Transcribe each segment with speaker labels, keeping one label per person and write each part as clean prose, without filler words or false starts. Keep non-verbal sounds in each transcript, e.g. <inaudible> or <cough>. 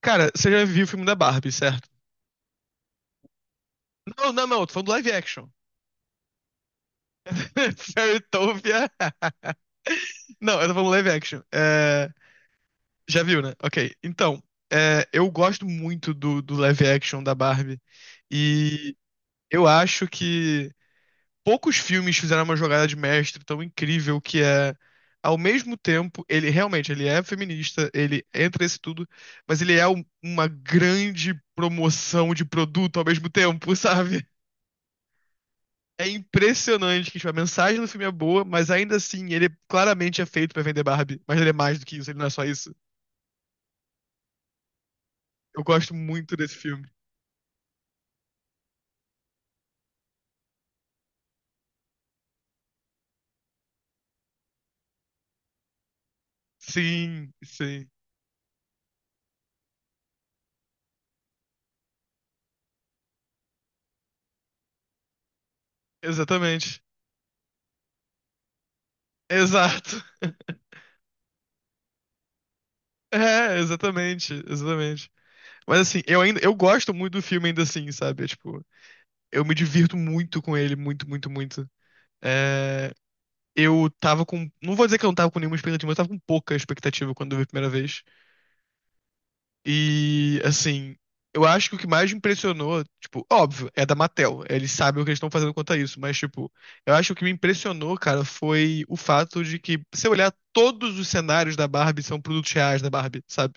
Speaker 1: Cara, você já viu o filme da Barbie, certo? Não, eu tô falando do live action. <laughs> Fairytopia. Não, eu tô falando live action. Já viu, né? Ok. Então, eu gosto muito do live action da Barbie. E eu acho que poucos filmes fizeram uma jogada de mestre tão incrível que é. Ao mesmo tempo, ele realmente ele é feminista, ele entra nesse tudo, mas ele é uma grande promoção de produto ao mesmo tempo, <laughs> sabe? É impressionante que tipo, a mensagem do filme é boa, mas ainda assim ele claramente é feito pra vender Barbie. Mas ele é mais do que isso, ele não é só isso. Eu gosto muito desse filme. Sim, sim. Exatamente. Exato. <laughs> É, exatamente, exatamente. Mas assim, eu ainda eu gosto muito do filme ainda assim, sabe? É, tipo, eu me divirto muito com ele, muito, muito, muito. É, eu tava com, não vou dizer que eu não tava com nenhuma expectativa, mas eu tava com pouca expectativa quando eu vi a primeira vez. E, assim, eu acho que o que mais me impressionou, tipo, óbvio, é da Mattel. Eles sabem o que eles estão fazendo quanto a isso, mas, tipo, eu acho que o que me impressionou, cara, foi o fato de que, se eu olhar todos os cenários da Barbie, são produtos reais da Barbie, sabe?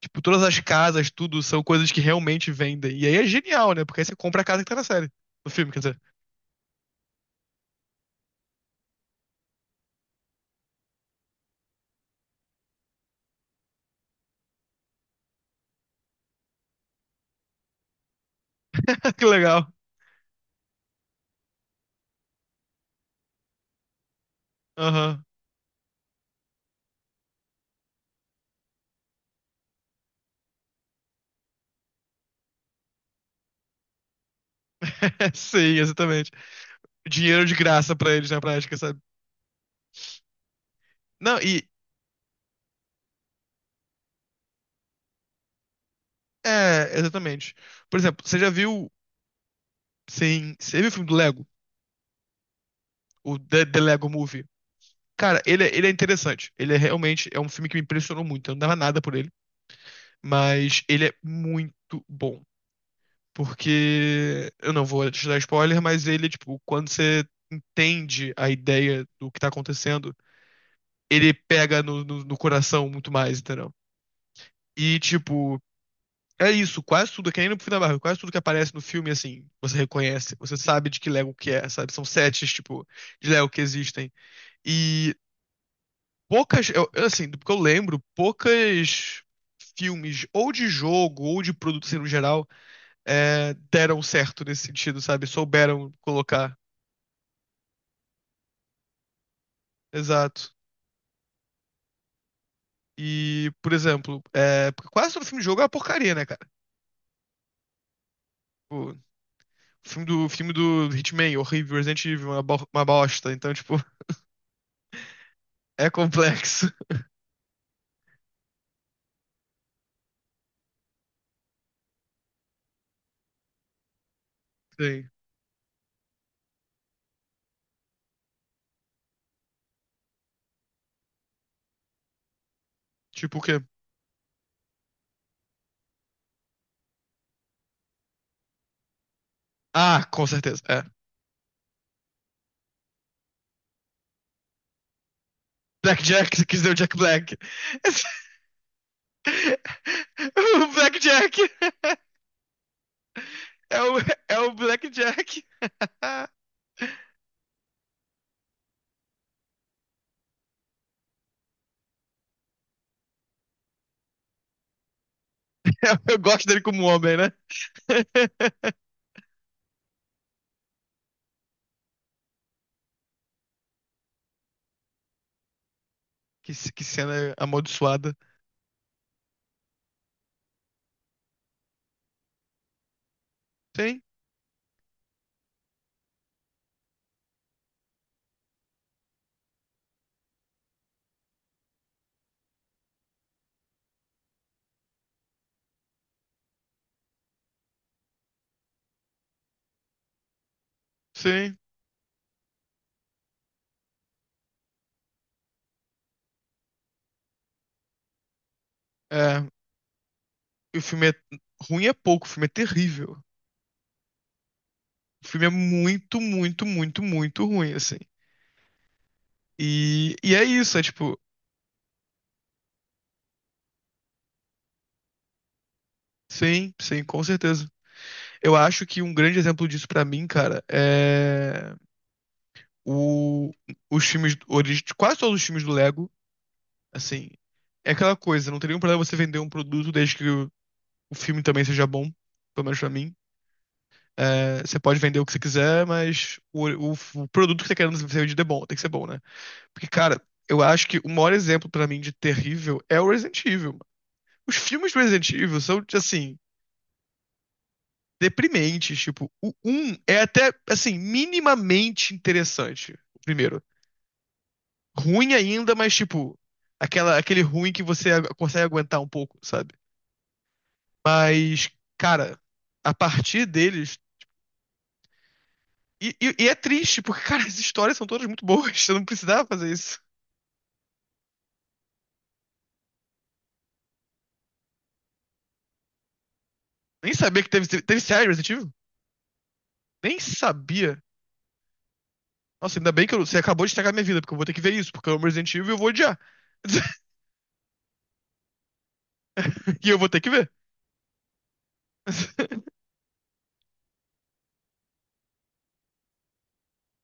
Speaker 1: Tipo, todas as casas, tudo, são coisas que realmente vendem. E aí é genial, né? Porque aí você compra a casa que tá na série, no filme, quer dizer. <laughs> Que legal. Aham. <laughs> Sim, exatamente. Dinheiro de graça pra eles na prática, sabe? Não, e. É, exatamente. Por exemplo, você já viu. Sim, você viu o filme do Lego? The Lego Movie. Cara, ele é interessante. Ele realmente é um filme que me impressionou muito. Eu não dava nada por ele, mas ele é muito bom. Porque eu não vou te dar spoiler, mas ele, tipo, quando você entende a ideia do que tá acontecendo, ele pega no coração muito mais, entendeu? E, tipo, é isso. Quase tudo, que nem no filme da Marvel, quase tudo que aparece no filme, assim, você reconhece. Você sabe de que Lego que é, sabe? São sets, tipo, de Lego que existem. E poucas, assim, do que eu lembro, poucas filmes, ou de jogo, ou de produto assim, no geral, é, deram certo nesse sentido, sabe? Souberam colocar. Exato. E, por exemplo, é, porque quase todo filme de jogo é uma porcaria, né, cara? Tipo, o filme do Hitman, horrível, Resident Evil, uma, uma bosta. Então, tipo, é complexo. <laughs> Sim. Tipo o quê? Ah, com certeza. É. Black Jack, você quis dizer o Jack Black. <laughs> O Black Jack. É o, <laughs> é o Black Jack. <laughs> Eu gosto dele como homem, né? <laughs> Que cena amaldiçoada. Sim, sim. É, e o filme é ruim é pouco, o filme é terrível. O filme é muito, muito, muito, muito ruim, assim. E é isso, é tipo, sim, sim, com certeza. Eu acho que um grande exemplo disso pra mim, cara, é o, os filmes, quase todos os filmes do Lego, assim, é aquela coisa, não tem nenhum problema você vender um produto desde que o filme também seja bom, pelo menos pra mim. É, você pode vender o que você quiser, mas o produto que você tá querendo ser vendido é bom, tem que ser bom, né? Porque, cara, eu acho que o maior exemplo pra mim de terrível é o Resident Evil. Os filmes do Resident Evil são, assim, deprimentes. Tipo, o um é até, assim, minimamente interessante. O primeiro. Ruim ainda, mas, tipo, aquela, aquele ruim que você consegue aguentar um pouco, sabe? Mas, cara, a partir deles. E é triste, porque, cara, as histórias são todas muito boas. Eu não precisava fazer isso. Nem sabia que teve, teve série Resident Evil. Nem sabia. Nossa, ainda bem que você acabou de estragar minha vida, porque eu vou ter que ver isso, porque eu amo Resident Evil e eu vou odiar. <laughs> E eu vou ter que ver. <laughs>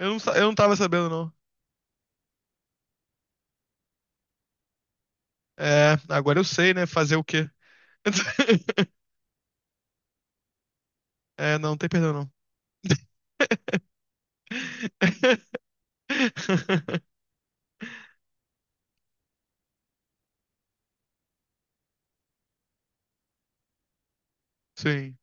Speaker 1: Eu não, eu não tava sabendo, não. É, agora eu sei, né? Fazer o quê? <laughs> É, não, não tem perdão, não. <laughs> Sim,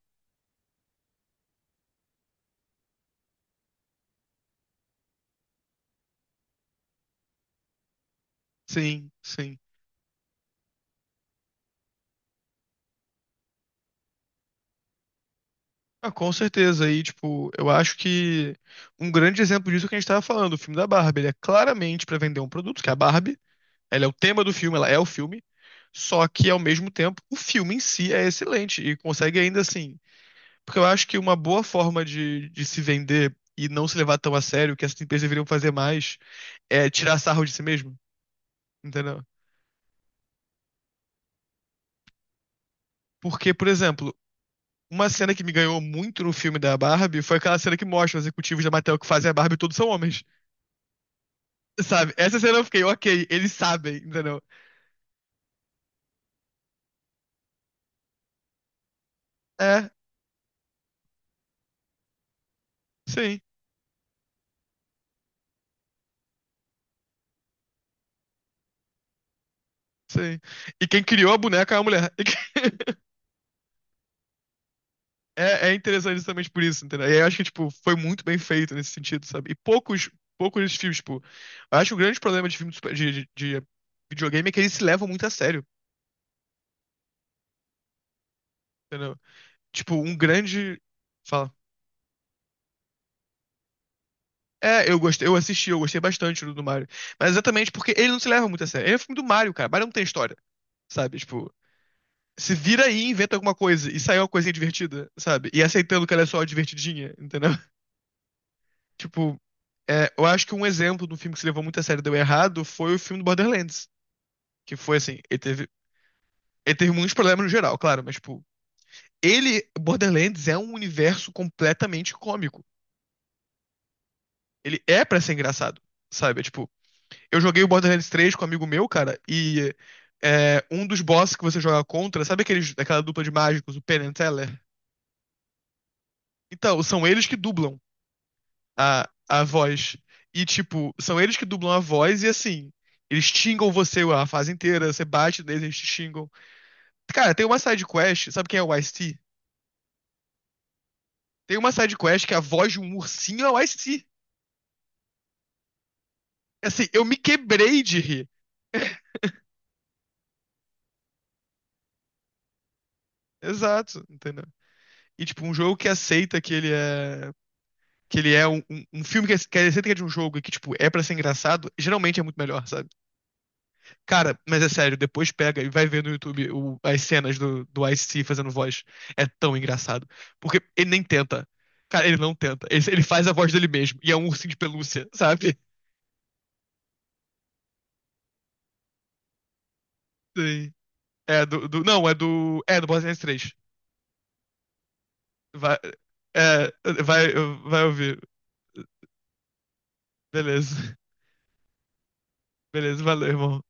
Speaker 1: sim, sim. Ah, com certeza. E, tipo, eu acho que um grande exemplo disso é o que a gente tava falando, o filme da Barbie. Ele é claramente pra vender um produto, que é a Barbie. Ela é o tema do filme, ela é o filme. Só que, ao mesmo tempo, o filme em si é excelente e consegue ainda assim. Porque eu acho que uma boa forma de se vender e não se levar tão a sério, que essas empresas deveriam fazer mais, é tirar sarro de si mesmo, entendeu? Porque, por exemplo, uma cena que me ganhou muito no filme da Barbie foi aquela cena que mostra os executivos da Mattel que fazem a Barbie e todos são homens. Sabe? Essa cena eu fiquei, ok, eles sabem, entendeu? É, sim, sim. E quem criou a boneca é a mulher. <laughs> É, é interessante justamente por isso, entendeu? E eu acho que, tipo, foi muito bem feito nesse sentido, sabe? E poucos, poucos desses filmes, tipo, eu acho que o grande problema de filme de, de videogame é que eles se levam muito a sério, entendeu? Tipo, um grande. Fala. É, eu gostei, eu assisti, eu gostei bastante do Mario. Mas exatamente porque ele não se leva muito a sério. Ele é um filme do Mario, cara. Mario não tem história, sabe? Tipo, se vira aí, e inventa alguma coisa e sai uma coisinha divertida, sabe? E aceitando que ela é só divertidinha, entendeu? <laughs> Tipo, é, eu acho que um exemplo do filme que se levou muito a sério e deu errado foi o filme do Borderlands, que foi assim, ele teve muitos problemas no geral, claro, mas tipo, ele, Borderlands é um universo completamente cômico. Ele é pra ser engraçado, sabe? É, tipo, eu joguei o Borderlands 3 com um amigo meu, cara, e é, um dos bosses que você joga contra, sabe aqueles, aquela dupla de mágicos, o Penn and Teller? Então, são eles que dublam a voz. E, tipo, são eles que dublam a voz e, assim, eles xingam você a fase inteira, você bate neles, eles te xingam. Cara, tem uma side quest, sabe quem é o Ice-T? Tem uma side quest que é a voz de um ursinho é o Ice-T. Assim, eu me quebrei de rir. Exato, entendeu? E, tipo, um jogo que aceita que ele é... Que ele é um filme que aceita que é de um jogo e que, tipo, é pra ser engraçado, geralmente é muito melhor, sabe? Cara, mas é sério, depois pega e vai ver no YouTube as cenas do Ice-T fazendo voz. É tão engraçado. Porque ele nem tenta. Cara, ele não tenta. Ele faz a voz dele mesmo. E é um ursinho de pelúcia, sabe? Sim. É não, é do. É do Borderlands 3. Vai, é, vai, vai ouvir. Beleza. Beleza, valeu, irmão.